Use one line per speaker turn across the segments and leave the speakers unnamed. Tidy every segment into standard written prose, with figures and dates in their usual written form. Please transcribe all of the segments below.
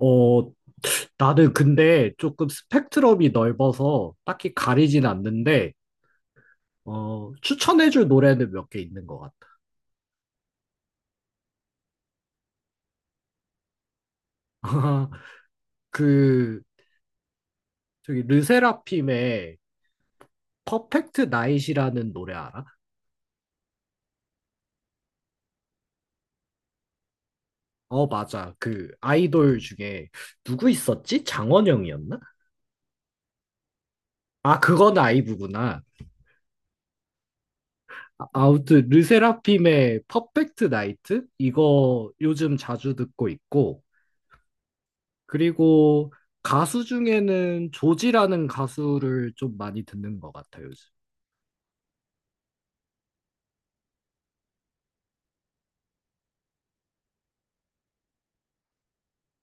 어, 나는 근데 조금 스펙트럼이 넓어서 딱히 가리진 않는데, 추천해줄 노래는 몇 개 있는 것 같아. 그, 르세라핌의 퍼펙트 나잇이라는 노래 알아? 어, 맞아. 그 아이돌 중에 누구 있었지? 장원영이었나? 아, 그건 아이브구나. 아, 아무튼, 르세라핌의 퍼펙트 나이트? 이거 요즘 자주 듣고 있고, 그리고 가수 중에는 조지라는 가수를 좀 많이 듣는 것 같아요, 요즘.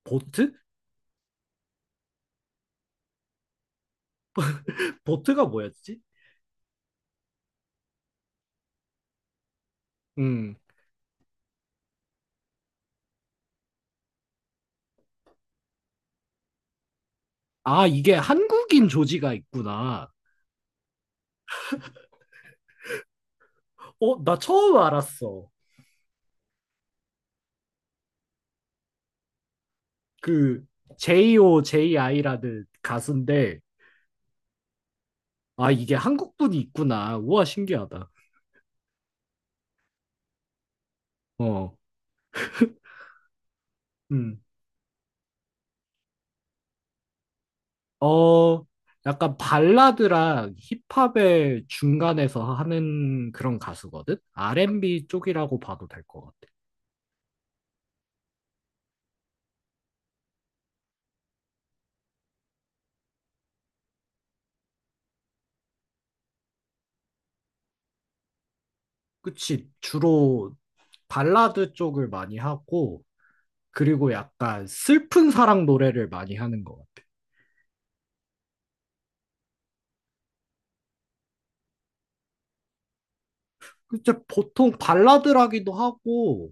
보트? 보트가 뭐였지? 음. 아, 이게 한국인 조지가 있구나. 어, 나 처음 알았어. 그, JO, JI라는 가수인데, 아, 이게 한국분이 있구나. 우와, 신기하다. 어, 음. 어, 약간 발라드랑 힙합의 중간에서 하는 그런 가수거든? R&B 쪽이라고 봐도 될 것 같아. 그치, 주로 발라드 쪽을 많이 하고, 그리고 약간 슬픈 사랑 노래를 많이 하는 것 같아. 그때 보통 발라드라기도 하고,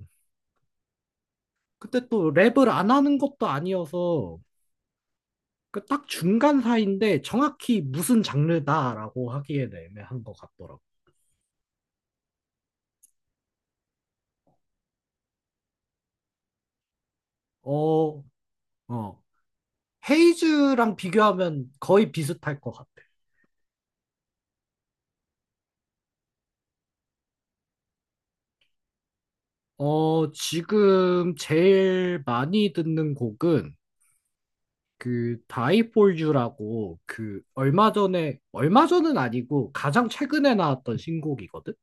근데 또 랩을 안 하는 것도 아니어서, 그 딱 중간 사이인데 정확히 무슨 장르다라고 하기에는 애매한 것 같더라고. 어, 어. 헤이즈랑 비교하면 거의 비슷할 것 같아. 어, 지금 제일 많이 듣는 곡은, 그 다이폴주라고 그 얼마 전에 얼마 전은 아니고 가장 최근에 나왔던 신곡이거든.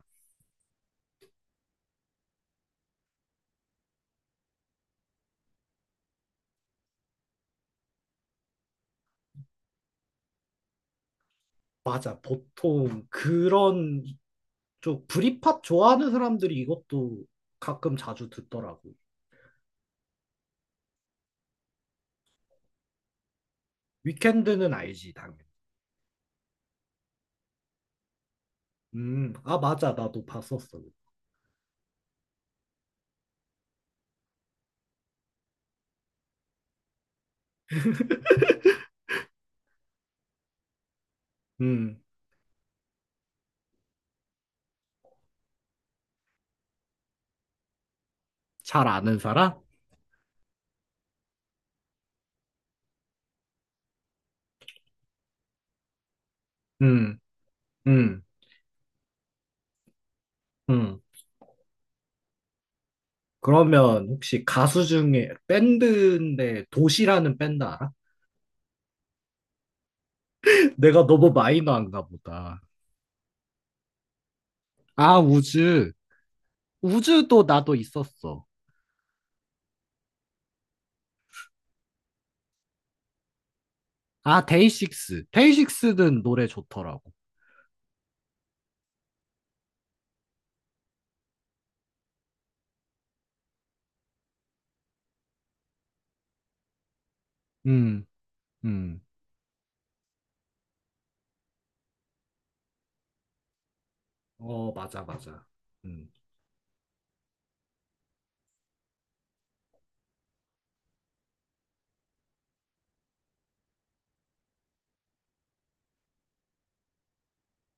맞아. 보통 그런 쪽 브리팝 좋아하는 사람들이 이것도 가끔 자주 듣더라고. 위켄드는 알지, 당연히. 아 맞아. 나도 봤었어. 음, 잘 아는 사람? 음, 음, 음. 그러면 혹시 가수 중에 밴드인데 도시라는 밴드 알아? 내가 너무 마이너한가 보다. 아, 우즈. 우주도 나도 있었어. 아, 데이식스. 데이식스는 노래 좋더라고. 음, 음, 어, 맞아, 맞아. 음.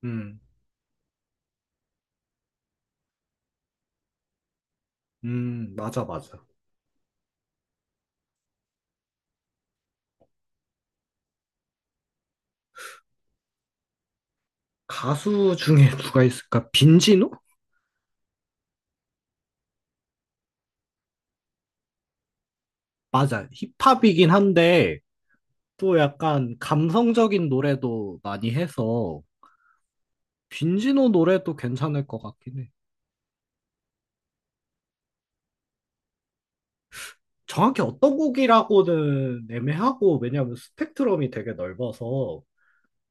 음, 맞아, 맞아. 가수 중에 누가 있을까? 빈지노? 맞아. 힙합이긴 한데, 또 약간 감성적인 노래도 많이 해서, 빈지노 노래도 괜찮을 것 같긴 해. 정확히 어떤 곡이라고는 애매하고, 왜냐면 스펙트럼이 되게 넓어서,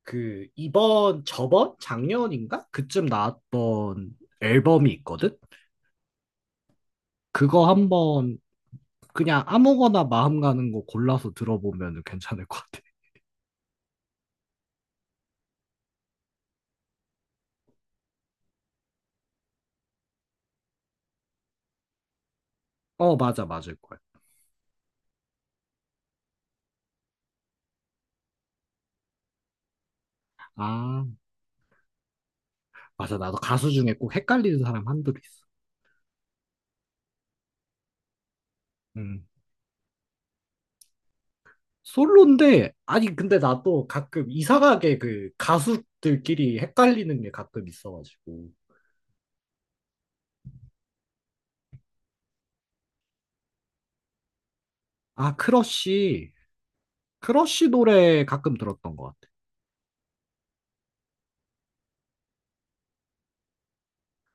그 이번 저번 작년인가 그쯤 나왔던 앨범이 있거든. 그거 한번 그냥 아무거나 마음 가는 거 골라서 들어보면 괜찮을 것 같아. 어 맞아 맞을 거야. 아 맞아 나도 가수 중에 꼭 헷갈리는 사람 한둘이 있어. 음 솔로인데 아니 근데 나도 가끔 이상하게 그 가수들끼리 헷갈리는 게 가끔 있어가지고 아 크러쉬 크러쉬 노래 가끔 들었던 것 같아.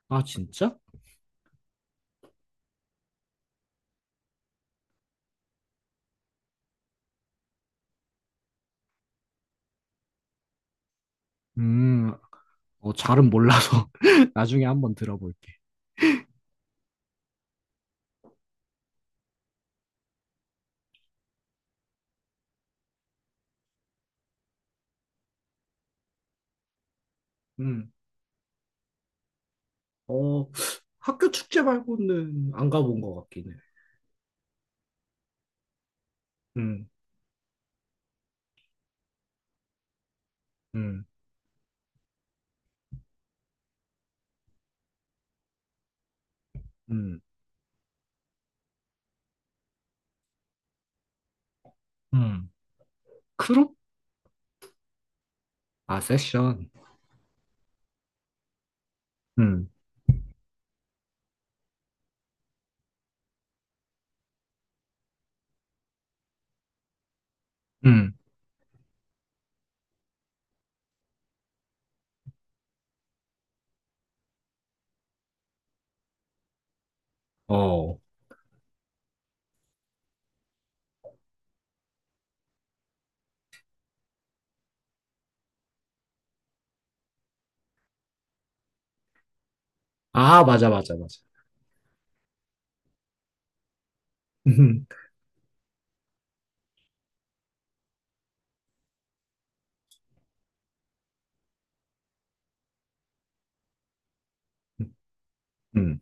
아 진짜? 음, 어, 잘은 몰라서 나중에 한번 들어볼게. 음, 어, 학교 축제 말고는 안 가본 것 같긴 해. 음, 음, 음, 음. 크롭? 아, 세션. 음, 음, 어. 아, 맞아, 맞아, 맞아. 음, 음.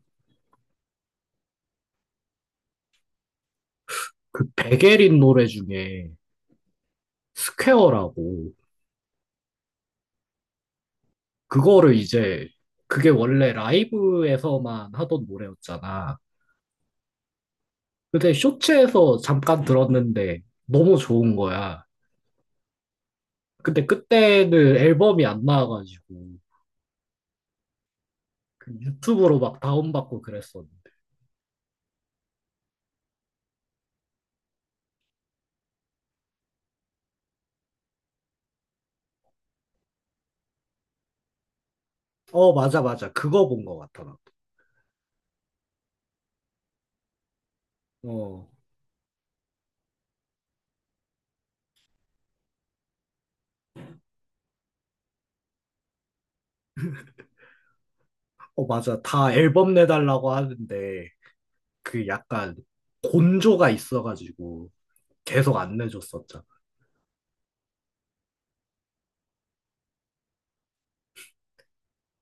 그 백예린 노래 중에 스퀘어라고, 그거를 이제, 그게 원래 라이브에서만 하던 노래였잖아. 근데 쇼츠에서 잠깐 들었는데 너무 좋은 거야. 근데 그때는 앨범이 안 나와가지고 그 유튜브로 막 다운받고 그랬었는데. 어, 맞아, 맞아. 그거 본 것 같아, 나도. 어, 어, 맞아. 다 앨범 내달라고 하는데 그 약간 곤조가 있어가지고 계속 안 내줬었잖아.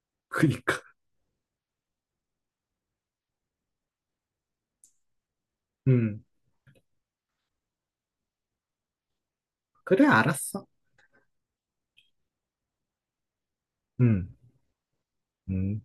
그니까. 음. 그래, 알았어. 음. 음.